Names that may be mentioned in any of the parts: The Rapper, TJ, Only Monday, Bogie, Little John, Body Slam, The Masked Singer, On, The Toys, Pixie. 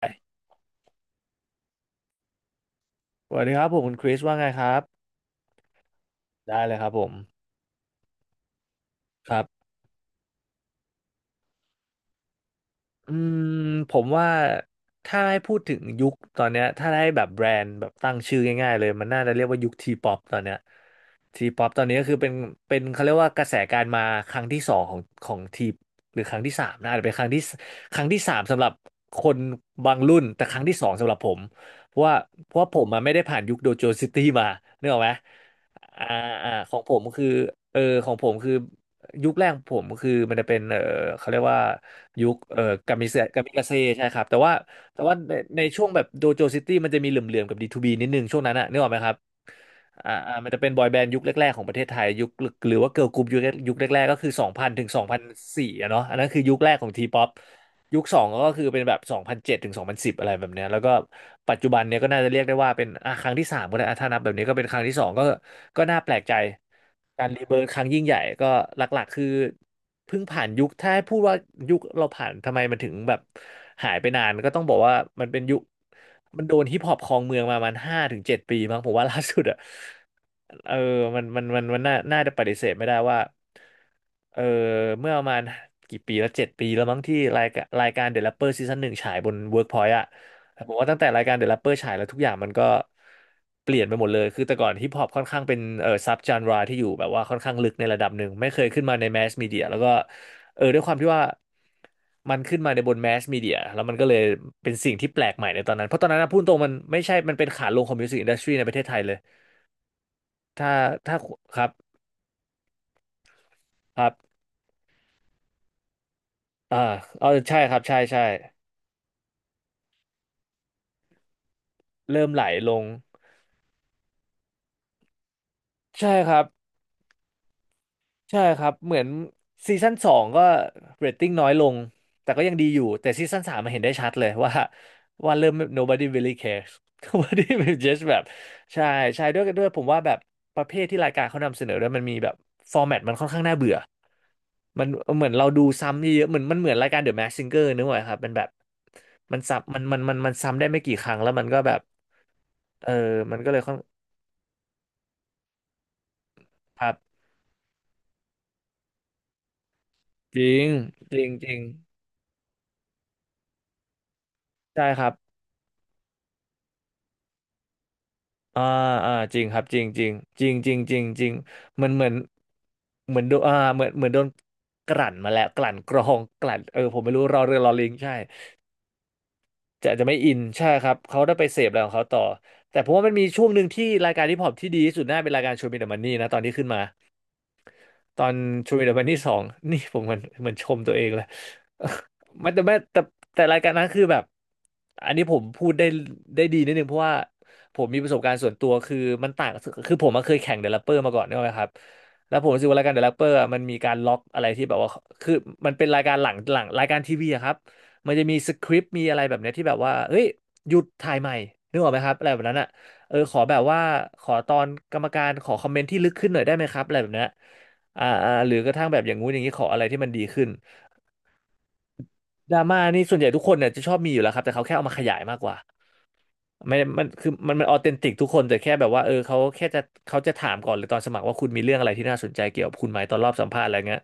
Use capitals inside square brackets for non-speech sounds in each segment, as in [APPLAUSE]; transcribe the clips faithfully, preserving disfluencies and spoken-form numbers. สวัสดีครับผมคุณคริสว่าไงครับได้เลยครับผมครับอืมผมว่าถ้าให้พูดถึงยุคตอนเนี้ยถ้าให้แบบแบรนด์แบบตั้งชื่อง่ายๆเลยมันน่าจะเรียกว่ายุคทีป๊อปตอนเนี้ยทีป๊อปตอนนี้ก็คือเป็นเป็นเขาเรียกว่ากระแสการมาครั้งที่สองของของทีหรือครั้งที่สามนะอาจจะเป็นครั้งที่สครั้งที่สามสำหรับคนบางรุ่นแต่ครั้งที่สองสำหรับผมเพราะว่าเพราะว่าผมมาไม่ได้ผ่านยุคโดโจซิตี้มานึกออกไหมอ่าอ่าของผมคือเออของผมคือ ยุคแรกของผมคือมันจะเป็นเออเขาเรียกว่ายุคเออกามิเซะกามิกาเซ่ใช่ครับ แต่ว่าแต่ว่าในในช่วงแบบโดโจซิตี้มันจะมีเหลื่อมๆกับ ดี ทู บี นิดนึงช่วงนั้นอะนึกออกไหมครับอ่าอ่ามันจะเป็นบอยแบนด์ยุคแรกๆของประเทศไทยยุคหรือว่าเกิร์ลกรุ๊ปยุคยุคแรกๆก็คือสองพันถึงสองพันสี่องพันสี่อะเนาะอันนั้นคือยุคแรกของทีป๊อปยุคสองก็คือเป็นแบบสองพันเจ็ดถึงสองพันสิบองพันสิบอะไรแบบเนี้ยแล้วก็ปัจจุบันเนี้ยก็น่าจะเรียกได้ว่าเป็นอ่ะครั้งที่สามก็ได้อ่ะถ้านับแบบนี้ก็เป็นครั้งที่สองก็ก็น่าแปลกใจ การรีเบิร์ธครั้งยิ่งใหญ่ก็หลักๆคือเพิ่งผ่านยุคถ้าให้พูดว่ายุคเราผ่านทำไมมันถึงแบบหายไปนานก็ต้องบอกว่ามันเป็นยุคมันโดนฮิปฮอปครองเมืองมาประมันห้าถึงเจ็ดปีมั้งผมว่าล่าสุดอะเออมันมันมันมันน่าน่าจะปฏิเสธไม่ได้ว่าเออเมื่อประมาณกี่ปีแล้วเจ็ดปีแล้วมั้งที่รายการรายการเด e r แรปเปอร์ซีซั่นหนึ่งฉายบนเวิร์กพอยต์อะ ผมว่าตั้งแต่รายการ The Rapper ฉายแล้วทุกอย่างมันก็เปลี่ยนไปหมดเลยคือแต่ก่อนฮิปฮอปค่อนข้างเป็นเออซับจานราที่อยู่แบบว่าค่อนข้างลึกในระดับหนึ่งไม่เคยขึ้นมาในแมสมีเดียแล้วก็เออด้วยความที่ว่ามันขึ้นมาในบนแมสมีเดียแล้วมันก็เลยเป็นสิ่งที่แปลกใหม่ในตอนนั้นเพราะตอนนั้นนะพูดตรงมันไม่ใช่มันเป็นขาลงของมิวสิกอินดัสทรีในประเทศไทยเลยถ้าถ้าครับครับอ่าเออใช่ครับใช่ใช่เริ่มไหลลงใช่ครับ ใช่ครับเหมือนซีซั่นสองก็เรตติ้งน้อยลงแต่ก็ยังดีอยู่แต่ซีซั่นสามมาเห็นได้ชัดเลย [LAUGHS] ว่าว่าเริ่ม nobody really cares [LAUGHS] nobody will just แบบใช่ใช่ด้วยด้วยผมว่าแบบประเภทที่รายการเขานำเสนอด้วยมันมีแบบฟอร์แมตมันค่อนข้างน่าเบื่อมันเหมือนเราดูซ้ำเยอะๆเหมือนมันเหมือนรายการ The Masked Singer นึกไหมครับมันแบบมันซ้ำมันมันมันมันซ้ำได้ไม่กี่ครั้งแล้วมันก็แบบเออมันก็เลยค่อนครับจริงจริงจริงใช่ครับ อ่าอ่าจริงครับจริงจริงจริงจริงจริงจริงมันเหมือนเหมือนโดนอ่าเหมือนเหมือนโดนกลั่นมาแล้วกลั่นกรอง [LAUGHS] กลั่นเออผมไม่รู้รอเรือรอลิงใช่จะจะไม่อินใช่ครับเขาได้ไปเสพอะไรของเขาต่อแต่ผมว่ามันมีช่วงหนึ่งที่รายการฮิปฮอปที่ดีที่สุดน่าเป็นรายการโชว์มีเดอะมันนี่นะตอนที่ขึ้นมา ตอนชูวินเดอแมนที่สองนี่ผมเหมือนเหมือนชมตัวเองเลย [LAUGHS] ไม่แต่ไม่แต่แต่รายการนั้นคือแบบอันนี้ผมพูดได้ได้ดีนิดนึงเพราะว่าผมมีประสบการณ์ส่วนตัวคือมันต่างกับคือผมมาเคยแข่งเด e ล o อ e เปอร์มาก่อนนะครับแล้วผมรู้สึกว่ารายการเด e ล o อ e เปอร์มันมีการล็อกอะไรที่แบบว่าคือมันเป็นรายการหลังหลังรายการทีวีอะครับมันจะมีสคริปต์มีอะไรแบบเนี้ยที่แบบว่าเฮ้ยหยุดถ่ายใหม่นึกออกไหมครับอะไรแบบนั้นอะเออขอแบบว่าขอตอนกรรมการขอคอมเมนต์ที่ลึกขึ้นหน่อยได้ไหมครับอะไรแบบเนี้ย อ่าอ่าหรือกระทั่งแบบอย่างงู้นอย่างนี้ขออะไรที่มันดีขึ้นดราม่านี่ส่วนใหญ่ทุกคนเนี่ยจะชอบมีอยู่แล้วครับแต่เขาแค่เอามาขยายมากกว่า ไม่ได้มันคือมันมันออเทนติกทุกคนแต่แค่แบบว่าเออเขาแค่จะเขาจะถามก่อนหรือตอนสมัครว่าคุณมีเรื่องอะไรที่น่าสนใจเกี่ยวกับคุณไหมตอนรอบสัมภาษณ์อะไรเงี้ย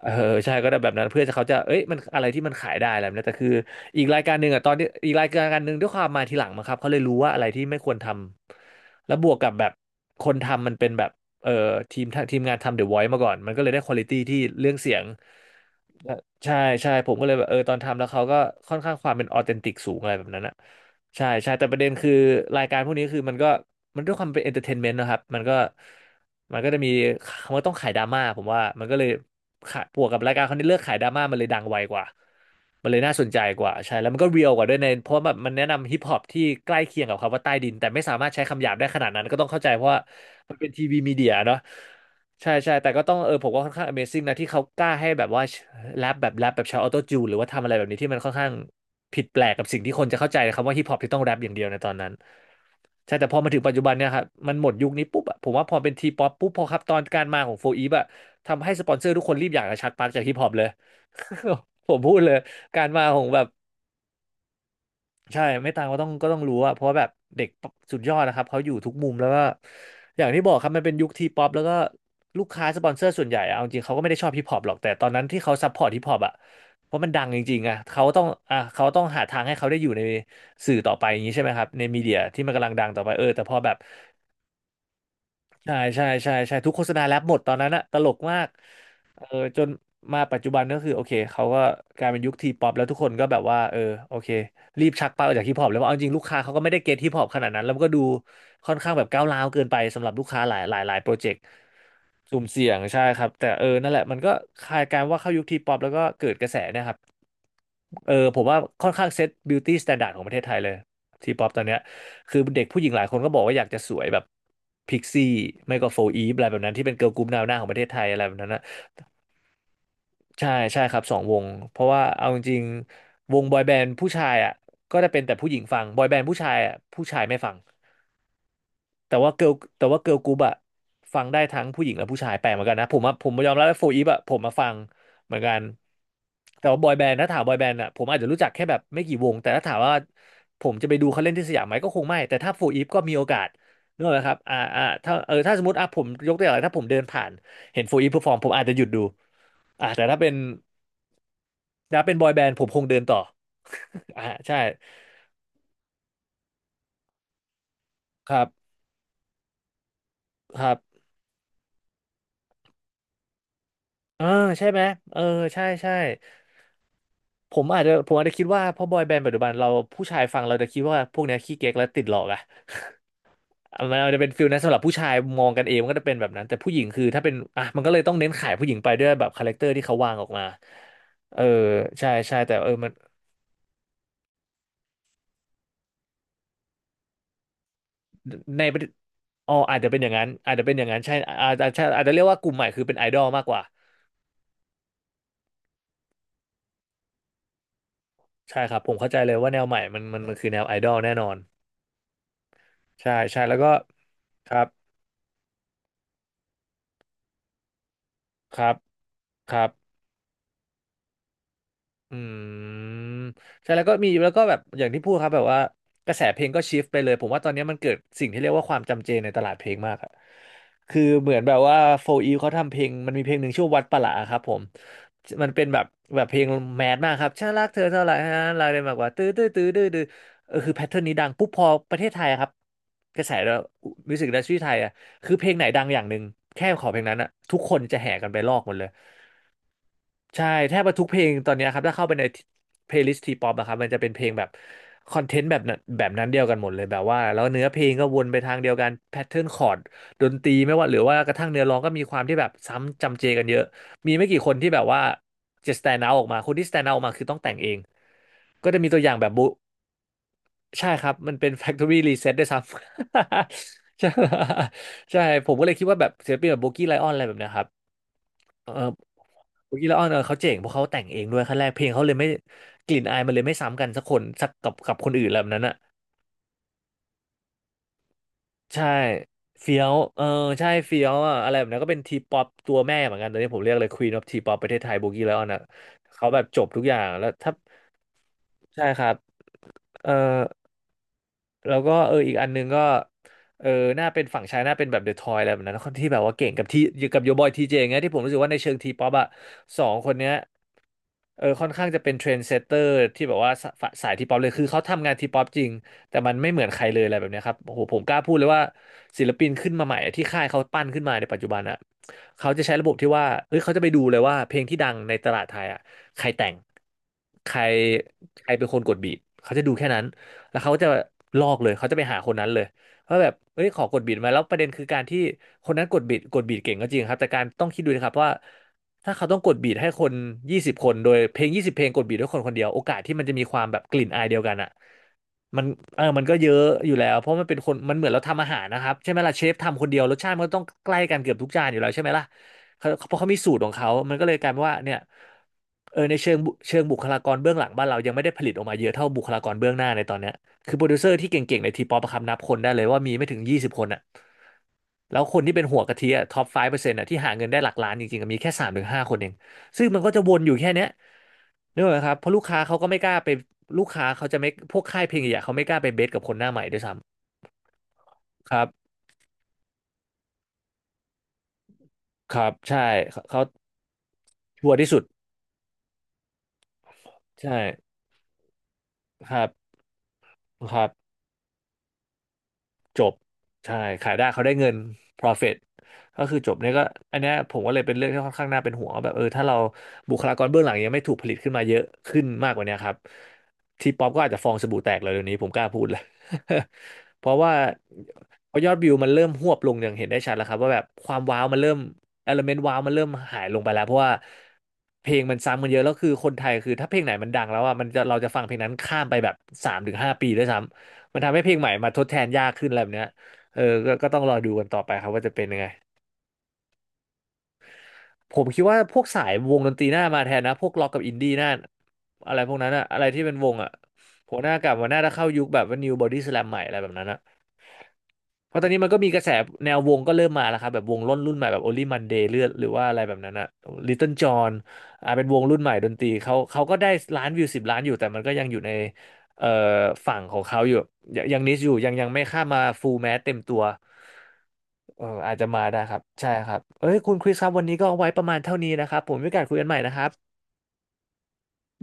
เออใช่ก็ได้แบบนั้นเพื่อจะเขาจะเอ้ยมันอะไรที่มันขายได้อะไรแบบนี้แต่คืออีกรายการหนึ่งอ่ะตอนที่อีกรายการหนึ่งด้วยความมาทีหลังมาครับเขาเลยรู้ว่าอะไรที่ไม่ควรทำแล้วบวกกับแบบคนทำมันเป็นแบบเออทีมทีมงานทำเดอมาก่อนมันก็เลยได้ควอลิตี้ที่เรื่องเสียงใช่ใช่ผมก็เลยแบบเออตอนทำแล้วเขาก็ค่อนข้างความเป็นออเทนติกสูงอะไรแบบนั้นอะ ใช่ใช่แต่ประเด็นคือรายการพวกนี้คือมันก็มันด้วยความเป็นเอนเตอร์เทนเมนต์นะครับมันก็มันก็จะมีมันต้องขายดราม่าผมว่ามันก็เลยขาบวกกับรายการเขาที่เลือกขายดราม่ามันเลยดังไวกว่ามันเลยน่าสนใจกว่าใช่แล้วมันก็เรียลกว่าด้วยในเพราะแบบมันแนะนำฮิปฮอปที่ใกล้เคียงกับคำว่าใต้ดินแต่ไม่สามารถใช้คำหยาบได้ขนาดนั้นก็ต้องเข้าใจเพราะว่ามันเป็นทีวีมีเดียเนาะ ใช่ใช่แต่ก็ต้องเออผมว่าค่อนข้าง อะเมซิ่ง นะที่เขากล้าให้แบบว่าแรปแบบแรปแบบใช้ออโต้จูนหรือว่าทำอะไรแบบนี้ที่มันค่อนข้างผิดแปลกกับสิ่งที่คนจะเข้าใจคำว่าฮิปฮอปที่ต้องแรปอย่างเดียวในตอนนั้นใช่แต่พอมาถึงปัจจุบันเนี่ยครับมันหมดยุคนี้ปุ๊บอะผมว่าพอเป็นทีป๊อปปุ๊บพอครับตอนการมาของโฟอีฟอะทำให้สปอนเซอร์ทุกคนรีบอยากจะชักปลั๊กจากฮิปฮอปเลย [LAUGHS] ผมพูดเลยการมาของแบบ ใช่ไม่ต่างก็ต้องก็ต้องรู้อะเพราะว่าแบบเด็กสุดยอดนะครับเขาอยู่ทุกมุมแล้วก็อย่างที่บอกครับมันเป็นยุคทีป๊อปแล้วก็ลูกค้าสปอนเซอร์ส่วนใหญ่อะเอาจริงเขาก็ไม่ได้ชอบฮิปฮอปหรอกแต่ตอนนั้นที่เขาซัพพอร์ตฮิปฮอปอะเพราะมันดังจริงๆอะเขาต้องอ่ะเขาต้องหาทางให้เขาได้อยู่ในสื่อต่อไปอย่างนี้ใช่ไหมครับในมีเดียที่มันกำลังดังต่อไปเออแต่พอแบบ ใช่ใช่ใช่ใช่ทุกโฆษณาแรปหมดตอนนั้นอะตลกมากเออจนมาปัจจุบันก็คือโอเคเขาก็กลายเป็นยุคทีป๊อปแล้วทุกคนก็แบบว่าเออโอเครีบชักเป้าออกจากฮิปฮอปแล้วว่าเอาจริงลูกค้าเขาก็ไม่ได้เก็ตฮิปฮอปขนาดนั้นแล้วมันก็ดูค่อนข้างแบบก้าวร้าวเกินไปสำหรับลูกค้าหลายหลายหลายโปรเจกต์สุ่มเสี่ยงใช่ครับแต่เออนั่นแหละมันก็คล้ายกันว่าเข้ายุคทีป๊อปแล้วก็เกิดกระแสเนะครับเออผมว่าค่อนข้างเซตบิวตี้สแตนดาร์ดของประเทศไทยเลย ทีป๊อปตอนเนี้ยคือเด็กผู้หญิงหลายคนก็บอกว่าอยากจะสวยแบบพิกซี่ไม่ก็โฟอีฟอะไรแบบนั้นที่เป็นเกิร์ลกรุ๊ปแนวหน้าของประเทศไทยอะไรแบบนั้นนะใช่ใช่ครับสองวงเพราะว่าเอาจริงๆวงบอยแบนด์ผู้ชายอ่ะก็จะเป็นแต่ผู้หญิงฟังบอยแบนด์ผู้ชายอ่ะผู้ชายไม่ฟัง แต่ว่าเกิลแต่ว่าเกิลกรุ๊ปอะฟังได้ทั้งผู้หญิงและผู้ชายแปลกเหมือนกันนะผมอะผมยอมรับว่าโฟอีฟอะผมมาฟังเหมือนกันแต่ว่าบอยแบนด์ถ้าถามบอยแบนด์อะผมอาจจะรู้จักแค่แบบไม่กี่วงแต่ถ้าถามว่าผมจะไปดูเขาเล่นที่สยามไหมก็คงไม่แต่ถ้าโฟอีฟก็มีโอกาสนึกออกไหมครับอ่าอ่าถ้าเออถ้าสมมติอ่ะผมยกตัวอย่างอะไรถ้าผมเดินผ่านเห็นโฟอีฟเพอร์ฟอร์มผมอาจจะหยุดดูอ่าแต่ถ้าเป็นถ้าเป็นบอยแบนด์ผมคงเดินต่อ [LAUGHS] อ่าใช่ครับครับเออใช่ไหมเออใช่ใช่ ผมอาจจะผมอาจจะคิดว่าเพอบอยแบนด์ปัจจุบันเราผู้ชายฟังเราจะคิดว่าพวกเนี้ยขี้เก๊กและติดหลอกอะอ่ะมันอาจจะเป็นฟิลนั้นสำหรับผู้ชายมองกันเองมันก็จะเป็นแบบนั้นแต่ผู้หญิงคือถ้าเป็นอ่ะมันก็เลยต้องเน้นขายผู้หญิงไปด้วยแบบคาแรคเตอร์ที่เขาวางออกมาเออใช่ใช่แต่เออมันในประเทศอ๋ออาจจะเป็นอย่างนั้นอาจจะเป็นอย่างนั้นใช่อาจจะใช่อาจจะเรียกว่ากลุ่มใหม่คือเป็นไอดอลมากกว่าใช่ครับผมเข้าใจเลยว่าแนวใหม่มันมันมันคือแนวไอดอลแน่นอนใช่ใช่แล้วก็ครับครับครับ อืมใช่แล้วก็มีแล้วก็แบบอย่างที่พูดครับแบบว่ากระแสเพลงก็ชิฟไปเลยผมว่าตอนนี้มันเกิดสิ่งที่เรียกว่าความจำเจในตลาดเพลงมากอะคือเหมือนแบบว่าโฟอีเขาทำเพลงมันมีเพลงหนึ่งชื่อวัดประหลาครับผมมันเป็นแบบแบบเพลงแมสมากครับฉันรักเธอเท่าไหร่ฮะรักได้มากกว่าตื้อตื้อตื้อดื้อดื้อเออคือแพทเทิร์นนี้ดังปุ๊บพอประเทศไทยอะครับกระแสมิวสิกอินดัสทรีไทยอะคือเพลงไหนดังอย่างหนึ่งแค่ขอเพลงนั้นอะทุกคนจะแห่กันไปลอกหมดเลย ใช่แทบว่าทุกเพลงตอนเนี้ยครับถ้าเข้าไปในเพลย์ลิสต์ทีป๊อปอะครับมันจะเป็นเพลงแบบคอนเทนต์แบบนั้นแบบนั้นเดียวกันหมดเลยแบบว่าแล้วเนื้อเพลงก็วนไปทางเดียวกันแพทเทิร์นคอร์ดดนตรีไม่ว่าหรือว่ากระทั่งเนื้อร้องก็มีความที่แบบซ้ำจำเจกันเยอะมีไม่กี่คนที่แบบว่าจะ stand out ออกมาคนที่ stand out ออกมาคือต้องแต่งเองก็จะมีตัวอย่างแบบบุใช่ครับมันเป็น factory reset ด้วยซ้ำ [LAUGHS] ใช่ [LAUGHS] ใช่ผมก็เลยคิดว่าแบบศิลปินแบบโบกี้ไลออนอะไรแบบเนี้ยครับเออ โบกี้และออนเออเขาเจ๋งเพราะเขาแต่งเองด้วยขั้นแรกเพลงเขาเลยไม่กลิ่นอายมันเลยไม่ซ้ำกันสักคนสักกับกับคนอื่นอะไรแบบนั้นอ่ะใช่เฟี้ยวเออใช่เฟี้ยวอ่ะอะไรแบบนั้นก็เป็นทีป๊อปตัวแม่เหมือนกันตอนนี้ผมเรียกเลย Queen of T-pop ประเทศไทยโบกี้และออนอ่ะเขาแบบจบทุกอย่างแล้วถ้าใช่ครับเออ แล้วก็เอออีกอันนึงก็เออหน้าเป็นฝั่งชายหน้าเป็นแบบเดอะทอยอะไรแบบนั้นคนที่แบบว่าเก่งกับที่กับโยบอยทีเจเงี้ยที่ผมรู้สึกว่าในเชิงทีป๊อปอะสองคนเนี้ยเออค่อนข้างจะเป็นเทรนด์เซตเตอร์ที่แบบว่าสาสายทีป๊อปเลยคือเขาทำงานทีป๊อปจริงแต่มันไม่เหมือนใครเลยอะไรแบบเนี้ยครับโอ้โหผมกล้าพูดเลยว่าศิลปินขึ้นมาใหม่อะที่ค่ายเขาปั้นขึ้นมาในปัจจุบันอะเขาจะใช้ระบบที่ว่าเฮ้ยเขาจะไปดูเลยว่าเพลงที่ดังในตลาดไทยอะใครแต่งใครใครเป็นคนกดบีทเขาจะดูแค่นั้น แล้วเขาจะลอกเลยเขาจะไปหาคนนั้นเลยว่าแบบเอ้ยขอกดบิดมาแล้วประเด็นคือการที่คนนั้นกดบิดกดบิดเก่งก็จริงครับแต่การต้องคิดดูนะครับว่าถ้าเขาต้องกดบีทให้คนยี่สิบคนโดยเพลงยี่สิบเพลงกดบีทด้วยคนคนเดียวโอกาสที่มันจะมีความแบบกลิ่นอายเดียวกันอ่ะมันเออมันก็เยอะอยู่แล้วเพราะมันเป็นคนมันเหมือนเราทำอาหารนะครับใช่ไหมล่ะเชฟทำคนเดียวรสชาติมันก็ต้องใกล้กันเกือบทุกจานอยู่แล้วใช่ไหมล่ะเขาเพราะเขามีสูตรของเขามันก็เลยกลายเป็นว่าเนี่ยเออในเชิงบุเชิงบุคลากรเบื้องหลังบ้านเรายังไม่ได้ผลิตออกมาเยอะเท่าบุคลากรเบื้องหน้าในตอนเนี้ย คือโปรดิวเซอร์ที่เก่งๆในทีป๊อปครับนับคนได้เลยว่ามีไม่ถึงยี่สิบคนอะแล้วคนที่เป็นหัวกะทิอะท็อปไฟว์เปอร์เซ็นต์อะที่หาเงินได้หลักล้านจริงๆอะมีแค่สามถึงห้าคนเองซึ่งมันก็จะวนอยู่แค่เนี้ยนึกออกไหมครับเพราะลูกค้าเขาก็ไม่กล้าไปลูกค้าเขาจะไม่พวกค่ายเพลงใหญ่ๆเขาไม่กล้าไปเบสกับคนหน้าใหม่ด้วยซ้ำครับครับใช่เขาเขาชัวร์ที่สุดใช่ครับครับ จบใช่ขายได้เขาได้เงิน profit ก็คือจบเนี่ยก็อันเนี้ยผมก็เลยเป็นเรื่องที่ค่อนข้างน่าเป็นห่วงว่าแบบเออถ้าเราบุคลากรเบื้องหลังยังไม่ถูกผลิตขึ้นมาเยอะขึ้นมากกว่าเนี้ยครับทีป๊อปก็อาจจะฟองสบู่แตกเลยเดี๋ยวนี้ผมกล้าพูดเลย [LAUGHS] เพราะว่าพอยอดวิวมันเริ่มหวบลงอย่างเห็นได้ชัดแล้วครับว่าแบบความว้าวมันเริ่มเอลเมนต์ว้าวมันเริ่มหายลงไปแล้วเพราะว่าเพลงมันซ้ำกันเยอะแล้วคือคนไทยคือถ้าเพลงไหนมันดังแล้วอ่ะมันจะเราจะฟังเพลงนั้นข้ามไปแบบสามถึงห้าปีด้วยซ้ำ มันทำให้เพลงใหม่มาทดแทนยากขึ้นอะไรแบบเนี้ยเออก็ก็ต้องรอดูกันต่อไปครับว่าจะเป็นยังไงผมคิดว่าพวกสายวงดนตรีหน้ามาแทนนะพวกล็อกกับอินดี้หน้าอะไรพวกนั้นอะอะไรที่เป็นวงอะผมหน้ากลับมาหน้าจะเข้ายุคแบบว่า New Body Slam ใหม่อะไรแบบนั้นอะ เพราะตอนนี้มันก็มีกระแสแนววงก็เริ่มมาแล้วครับแบบวงรุ่นรุ่นใหม่แบบ Only Monday เลือดหรือว่าอะไรแบบนั้นอะ Little John อ่าเป็นวงรุ่นใหม่ดนตรีเขาเขาก็ได้ล้านวิวสิบล้านอยู่แต่มันก็ยังอยู่ในเอ่อฝั่งของเขาอยู่ยังยังนิชอยู่ยังยังไม่ข้ามมาฟูลแมสเต็มตัวเอออาจจะมาได้ครับใช่ครับเอ้ยคุณคริสครับวันนี้ก็เอาไว้ประมาณเท่านี้นะครับผมมีโอกาสคุยกันใหม่นะครับ